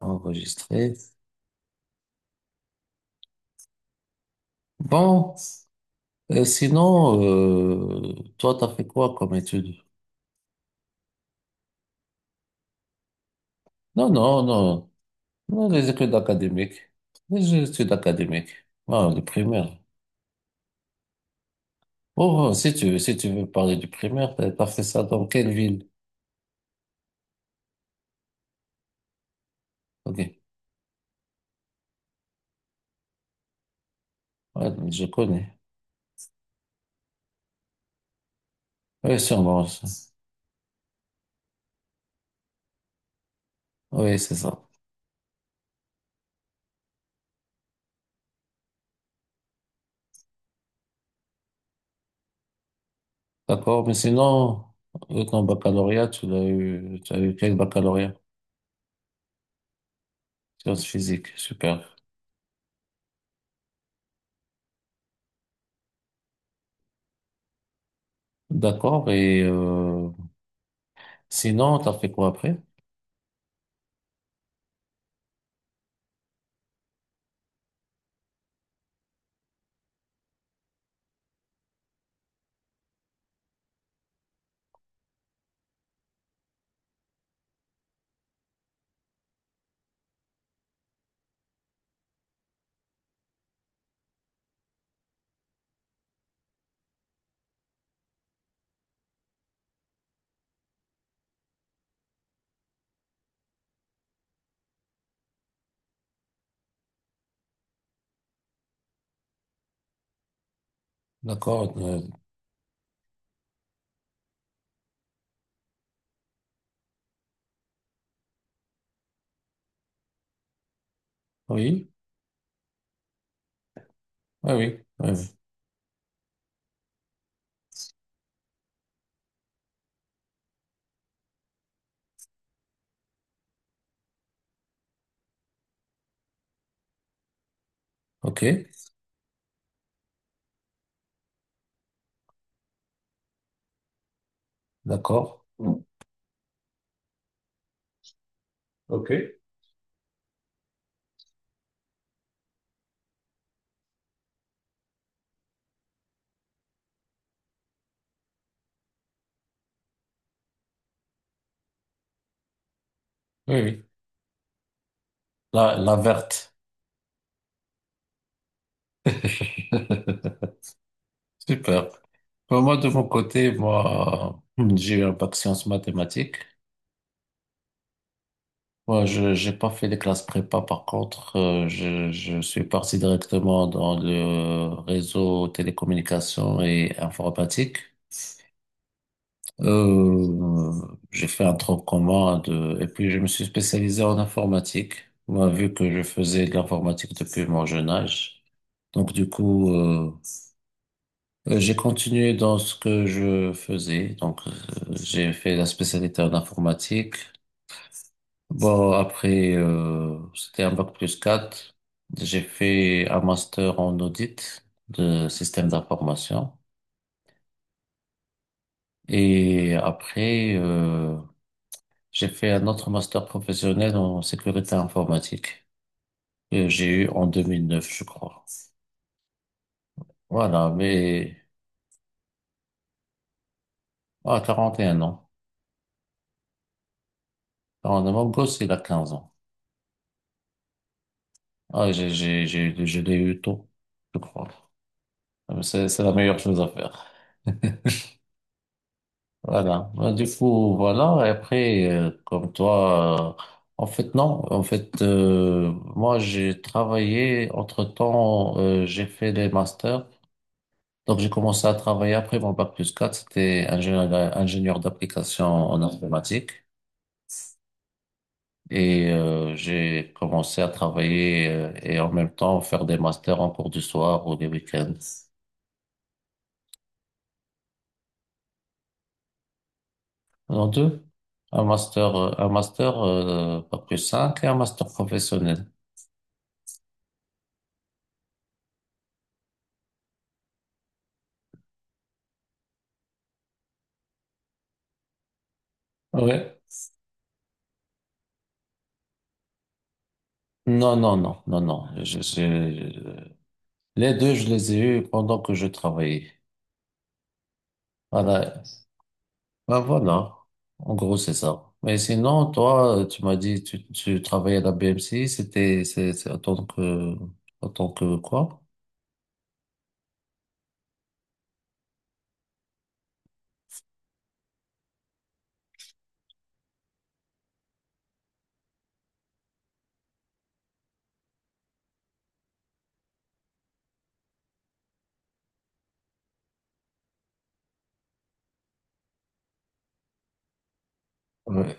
Enregistré. Bon, et sinon, toi, t'as fait quoi comme études? Non, non, non, non, les études académiques. Les études académiques. Ah, le primaire. Oh, si tu veux parler du primaire, t'as fait ça dans quelle ville? Ok, ouais, je connais. Oui, sûrement. Ça. Oui, c'est ça. D'accord, mais sinon, ton baccalauréat, tu as eu quel baccalauréat? Sciences physiques, super. D'accord, et sinon, t'as fait quoi après? D'accord. Euh, oui. Oui, oui. Oui, oui. OK. D'accord. OK. Oui, oui. La verte. Super. Pour moi, de mon côté, moi, j'ai eu un bac sciences mathématiques. Moi, j'ai pas fait les classes prépa. Par contre, je suis parti directement dans le réseau télécommunications et informatique. Euh, j'ai fait un tronc commun de, et puis je me suis spécialisé en informatique. Moi, vu que je faisais de l'informatique depuis mon jeune âge. Donc, du coup, j'ai continué dans ce que je faisais. Donc, j'ai fait la spécialité en informatique. Bon, après, c'était un bac plus 4. J'ai fait un master en audit de système d'information. Et après, j'ai fait un autre master professionnel en sécurité informatique que j'ai eu en 2009, je crois. Voilà, mais à 41 ans. Alors, mon gosse, il a 15 ans. Ah, je l'ai eu tôt, je crois. C'est la meilleure chose à faire. Voilà. Bah, du coup, voilà. Et après, comme toi, en fait, non. En fait, moi, j'ai travaillé. Entre-temps, j'ai fait des masters. Donc, j'ai commencé à travailler après mon bac plus quatre. C'était ingénieur, ingénieur d'application en informatique. Et j'ai commencé à travailler et en même temps faire des masters en cours du soir ou des week-ends. En deux, un master bac plus 5 et un master professionnel. Ouais. Non, non, non, non, non. Les deux, je les ai eus pendant que je travaillais. Voilà. Ben voilà, en gros c'est ça. Mais sinon, toi, tu m'as dit tu travaillais à la B M C, c'est en tant que quoi? Ouais.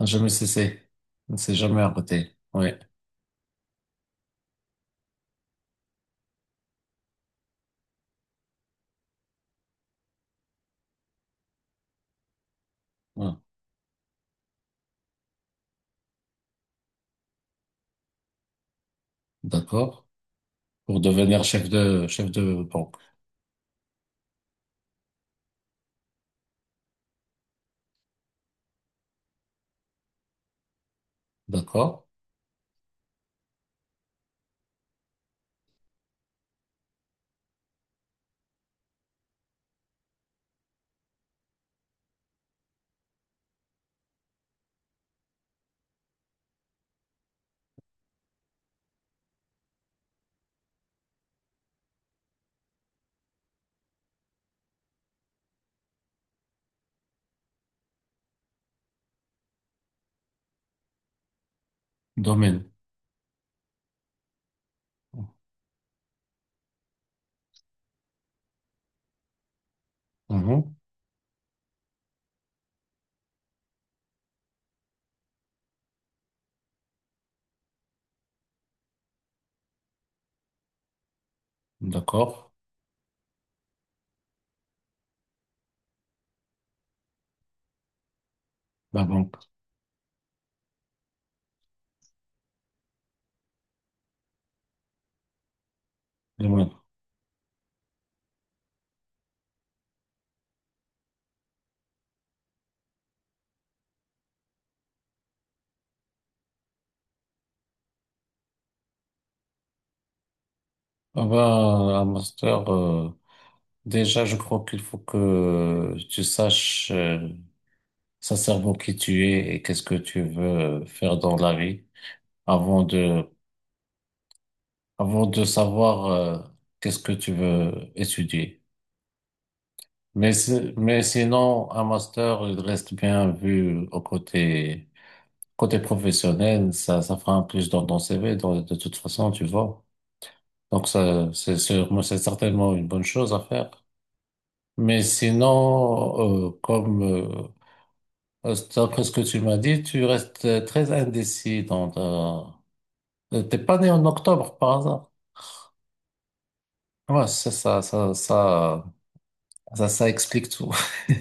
Un jamais cessé, ne s'est jamais arrêté. Ouais, ouais. D'accord. Pour devenir chef de banque, d'accord. Domaine, mhm. D'accord. La banque, domaine. Ah ben, un master. Déjà, je crois qu'il faut que tu saches. Sincèrement qui tu es et qu'est-ce que tu veux faire dans la vie avant de, avant de savoir qu'est-ce que tu veux étudier. Mais, c'est- mais sinon, un master, il reste bien vu au côté, côté professionnel, ça fera un plus dans ton CV, dans- de toute façon, tu vois. Donc ça, c'est sûrement, c'est certainement une bonne chose à faire. Mais sinon, d'après ce que tu m'as dit, tu restes très indécis dans ta, t'es pas né en octobre par hasard? Ouais, c'est ça, explique tout.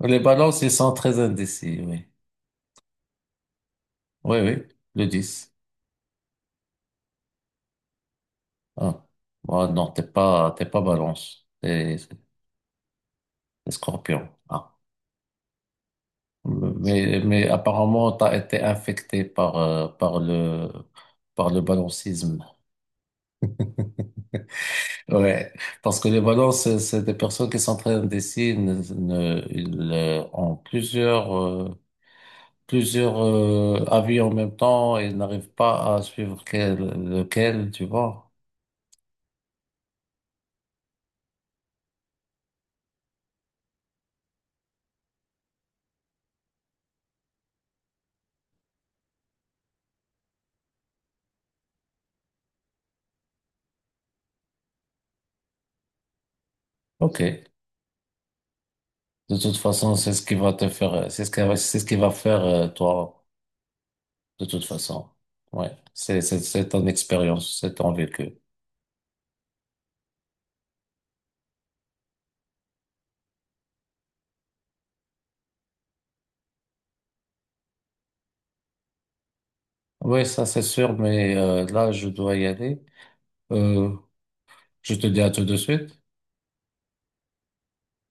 Les balances, ils sont très indécis, oui. Oui, oui, le 10. Ah. Ouais, non, t'es pas balance, t'es scorpion. Ah. Mais apparemment, t'as été infecté par, par le balancisme. Ouais, parce que les balances, c'est des personnes qui sont très indécis, ne, ne- ils ont plusieurs avis en même temps et n'arrive pas à suivre quel, lequel, tu vois. Ok. De toute façon, c'est ce qui va te faire, c'est ce qui va faire toi, de toute façon. Ouais. C'est ton expérience, c'est ton vécu. Oui, ça c'est sûr, mais là, je dois y aller. Euh, je te dis à tout de suite.